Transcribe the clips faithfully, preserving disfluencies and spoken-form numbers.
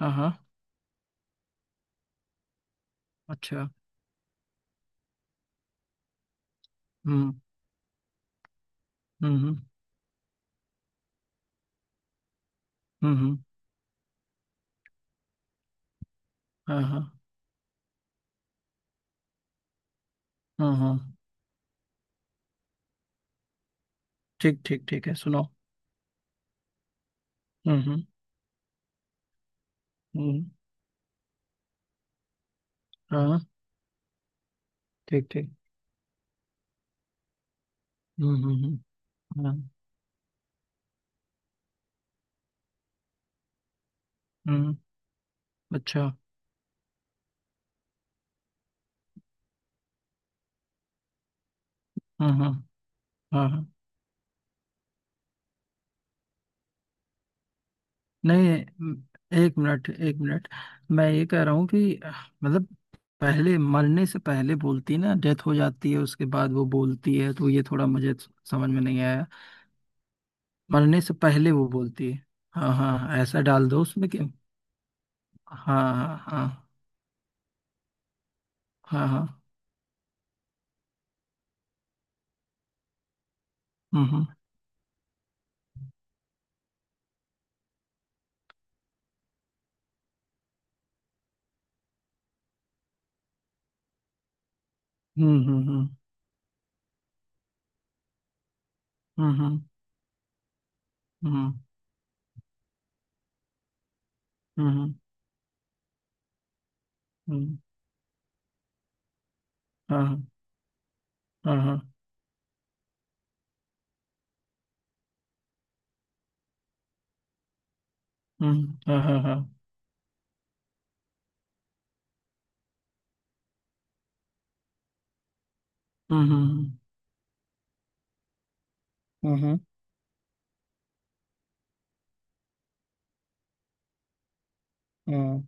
हाँ हाँ। अच्छा। हम्म हम्म। हम्म हम्म, हाँ हाँ हाँ हाँ। ठीक ठीक, ठीक है, सुनाओ। हम्म हम्म हम्म, हाँ हाँ, ठीक ठीक। हम्म हम्म हम्म, हाँ। हम्म। अच्छा। हाँ हाँ हाँ हाँ। नहीं। हम्म, एक मिनट एक मिनट। मैं ये कह रहा हूँ कि अह, मतलब पहले, मरने से पहले बोलती ना, डेथ हो जाती है उसके बाद वो बोलती है, तो ये थोड़ा मुझे समझ में नहीं आया। मरने से पहले वो बोलती है। हाँ हाँ, ऐसा डाल दो उसमें कि। हाँ हाँ हाँ हाँ हाँ। हुँ, हुँ, हुँ, हुँ, हुँ, हुँ, हुँ, हुँ, हुँ, हाँ, हाँ, हाँ, हुँ, हाँ, हाँ, हाँ, हुँ, हुँ, हुँ, हुँ, हुँ,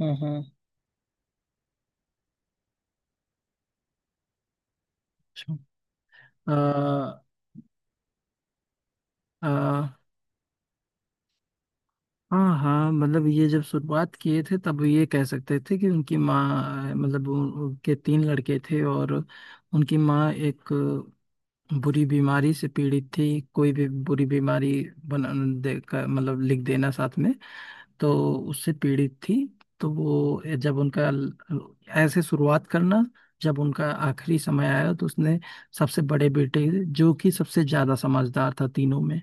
हुँ, हुँ, अच्छा। अ, अ, हाँ हाँ, मतलब ये जब शुरुआत किए थे तब ये कह सकते थे कि उनकी माँ, मतलब उन- उनके तीन लड़के थे और उनकी माँ एक बुरी बीमारी से पीड़ित थी, कोई भी बुरी बीमारी बना दे का- मतलब लिख देना साथ में तो उससे पीड़ित थी। तो वो जब उनका, ऐसे शुरुआत करना, जब उनका आखिरी समय आया तो उसने सबसे बड़े बेटे, जो कि सबसे ज्यादा समझदार था तीनों में,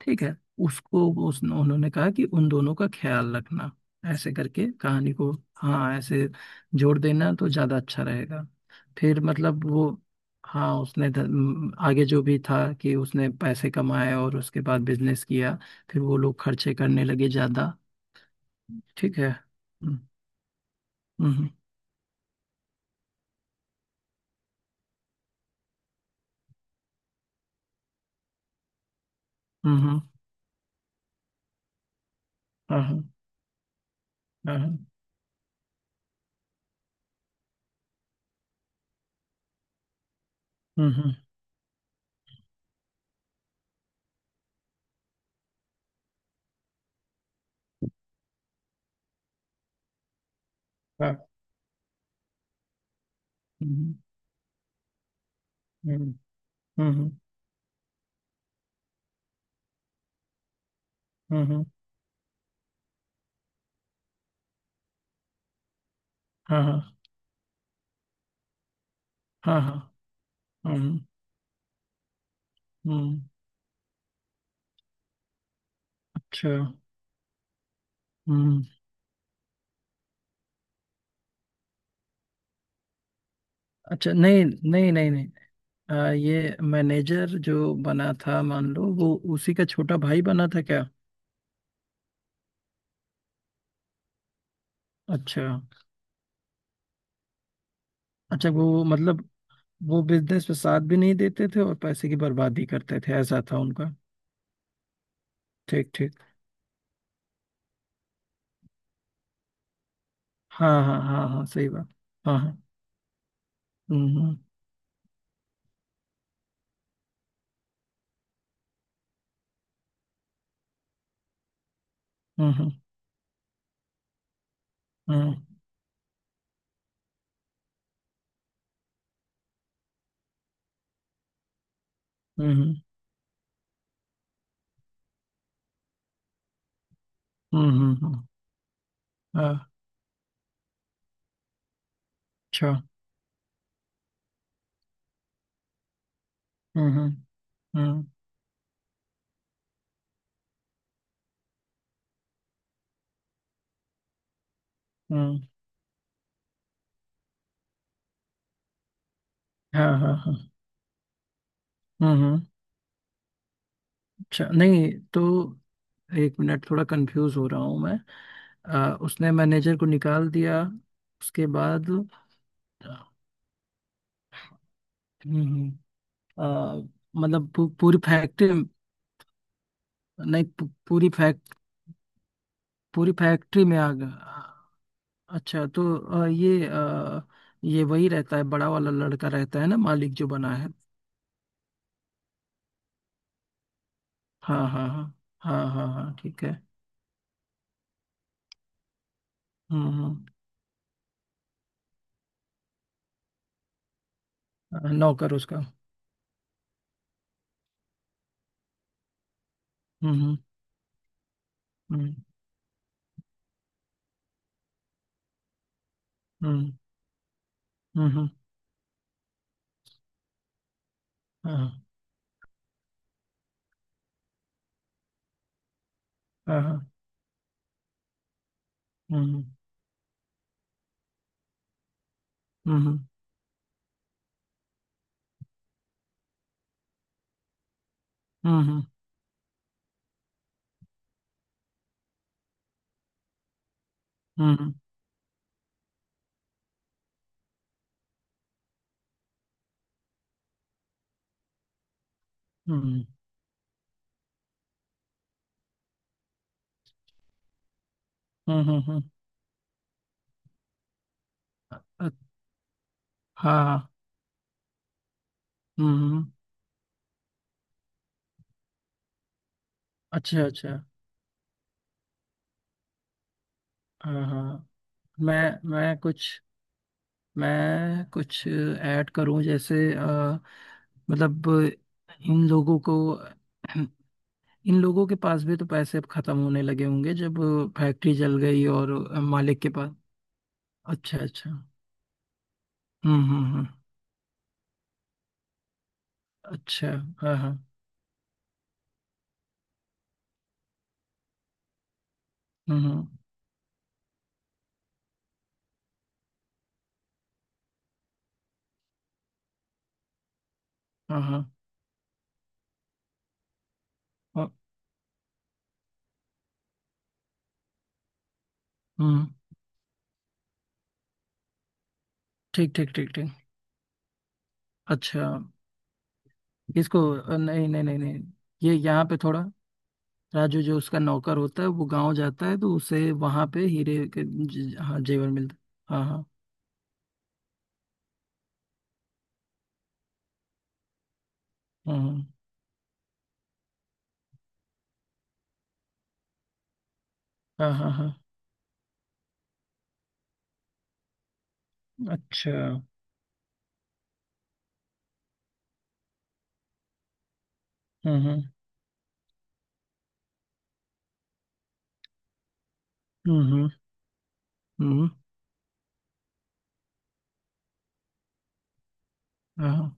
ठीक है, उसको उस, उन्होंने कहा कि उन दोनों का ख्याल रखना, ऐसे करके कहानी को, हाँ, ऐसे जोड़ देना तो ज्यादा अच्छा रहेगा। फिर मतलब वो, हाँ, उसने ध- म, आगे जो भी था कि उसने पैसे कमाए और उसके बाद बिजनेस किया, फिर वो लोग खर्चे करने लगे ज्यादा। ठीक है। हम्म हम्म हम्म। हाँ हाँ हाँ हाँ। हम्म। हाँ। हम्म हम्म। हम्म हम्म हम्म, हाँ हाँ हाँ हाँ। हम्म हम्म। अच्छा। हम्म। अच्छा। नहीं नहीं नहीं नहीं, आ, ये मैनेजर जो बना था, मान लो वो उसी का छोटा भाई बना था क्या? अच्छा अच्छा, वो मतलब वो बिजनेस में साथ भी नहीं देते थे और पैसे की बर्बादी करते थे, ऐसा था उनका। ठीक ठीक। हाँ हाँ हाँ हाँ, सही बात। हाँ हाँ। हम्म हम्म। हम्म हम्म हम्म। हम्म हम्म हम्म, हाँ, अच्छा। हम्म हम्म हम्म हम्म, हाँ हाँ हाँ। हम्म हम्म, अच्छा नहीं तो, एक मिनट, थोड़ा कंफ्यूज हो रहा हूँ मैं। अ, उसने मैनेजर को निकाल दिया उसके बाद। हम्म। अ, मतलब पू, पूरी फैक्ट्री। नहीं पू, पूरी फैक्ट पूरी फैक्ट्री में आ गया। अच्छा, तो अ, ये अ, ये वही रहता है, बड़ा वाला लड़का रहता है ना, मालिक जो बना है? हाँ हाँ हाँ। हाँ हाँ हाँ, ठीक है। हम्म हम्म, नौकर उसका। हम्म हम्म हम्म हम्म। हम्म हम्म, हाँ। हाँ हाँ, हम्म हम्म हम्म हम्म। हम्म हम्म। हम्म। अ- हाँ। हम्म हम्म, अच्छा अच्छा। हाँ हाँ, मैं मैं कुछ मैं कुछ ऐड करूं जैसे, अ, मतलब इन लोगों को, इन लोगों के पास भी तो पैसे अब खत्म होने लगे होंगे जब फैक्ट्री जल गई और मालिक के पास। अच्छा अच्छा। हम्म हम्म हम्म। अच्छा। हाँ हाँ। हम्म हम्म, हाँ हाँ हाँ, हम्म। ठीक ठीक ठीक ठीक। अच्छा, इसको अ, नहीं नहीं नहीं नहीं, ये यहाँ पे थोड़ा, राजू जो उसका नौकर होता है वो गांव जाता है तो उसे वहां पे हीरे के ज- हाँ, जेवर मिलता है। हाँ हाँ। हम्म। हाँ हाँ हाँ। अच्छा। हम्म हम्म हम्म हम्म। हाँ हाँ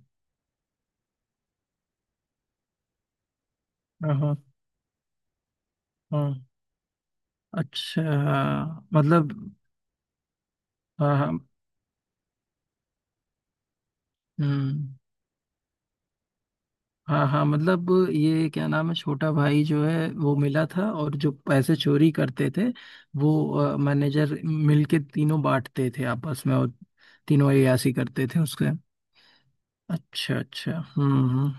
हाँ हाँ, अच्छा। मतलब हाँ हाँ। हम्म। हाँ हाँ, मतलब ये क्या नाम है छोटा भाई जो है वो मिला था और जो पैसे चोरी करते थे, वो मैनेजर मिलके तीनों बांटते थे आपस में और तीनों अय्याशी करते थे उसके। अच्छा अच्छा। हम्म हम्म।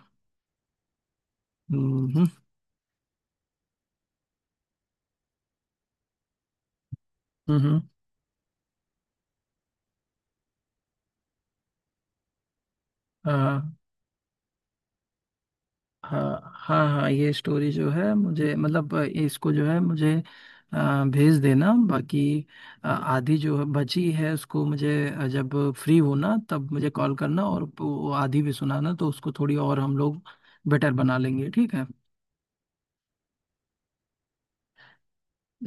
हम्म हम्म हम्म, हाँ हाँ हाँ हाँ, ये स्टोरी जो है मुझे, मतलब अ, इसको जो है मुझे अ, भेज देना। बाकी अ, आधी जो है बची है उसको मुझे अ, जब फ्री होना तब मुझे कॉल करना और वो आधी भी सुनाना, तो उसको थोड़ी और हम लोग बेटर बना लेंगे, ठीक है।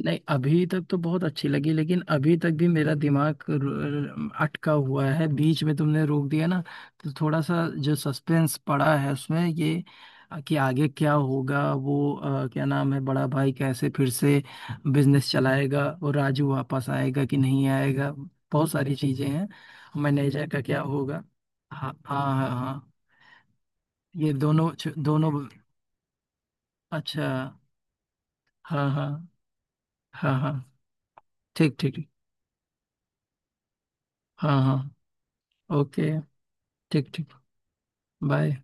नहीं अभी तक तो बहुत अच्छी लगी, लेकिन अभी तक भी मेरा दिमाग रु- अटका हुआ है, बीच में तुमने रोक दिया ना, तो थोड़ा सा जो सस्पेंस पड़ा है उसमें ये कि आगे क्या होगा, वो अ, क्या नाम है, बड़ा भाई कैसे फिर से बिजनेस चलाएगा और राजू वापस आएगा कि नहीं आएगा, बहुत सारी चीजें हैं, मैनेजर का क्या होगा? हाँ हाँ हाँ हाँ, ये दोनों, दोनों। अच्छा। हाँ हाँ हाँ हाँ। ठीक ठीक। हाँ हाँ। ओके। ठीक ठीक। बाय।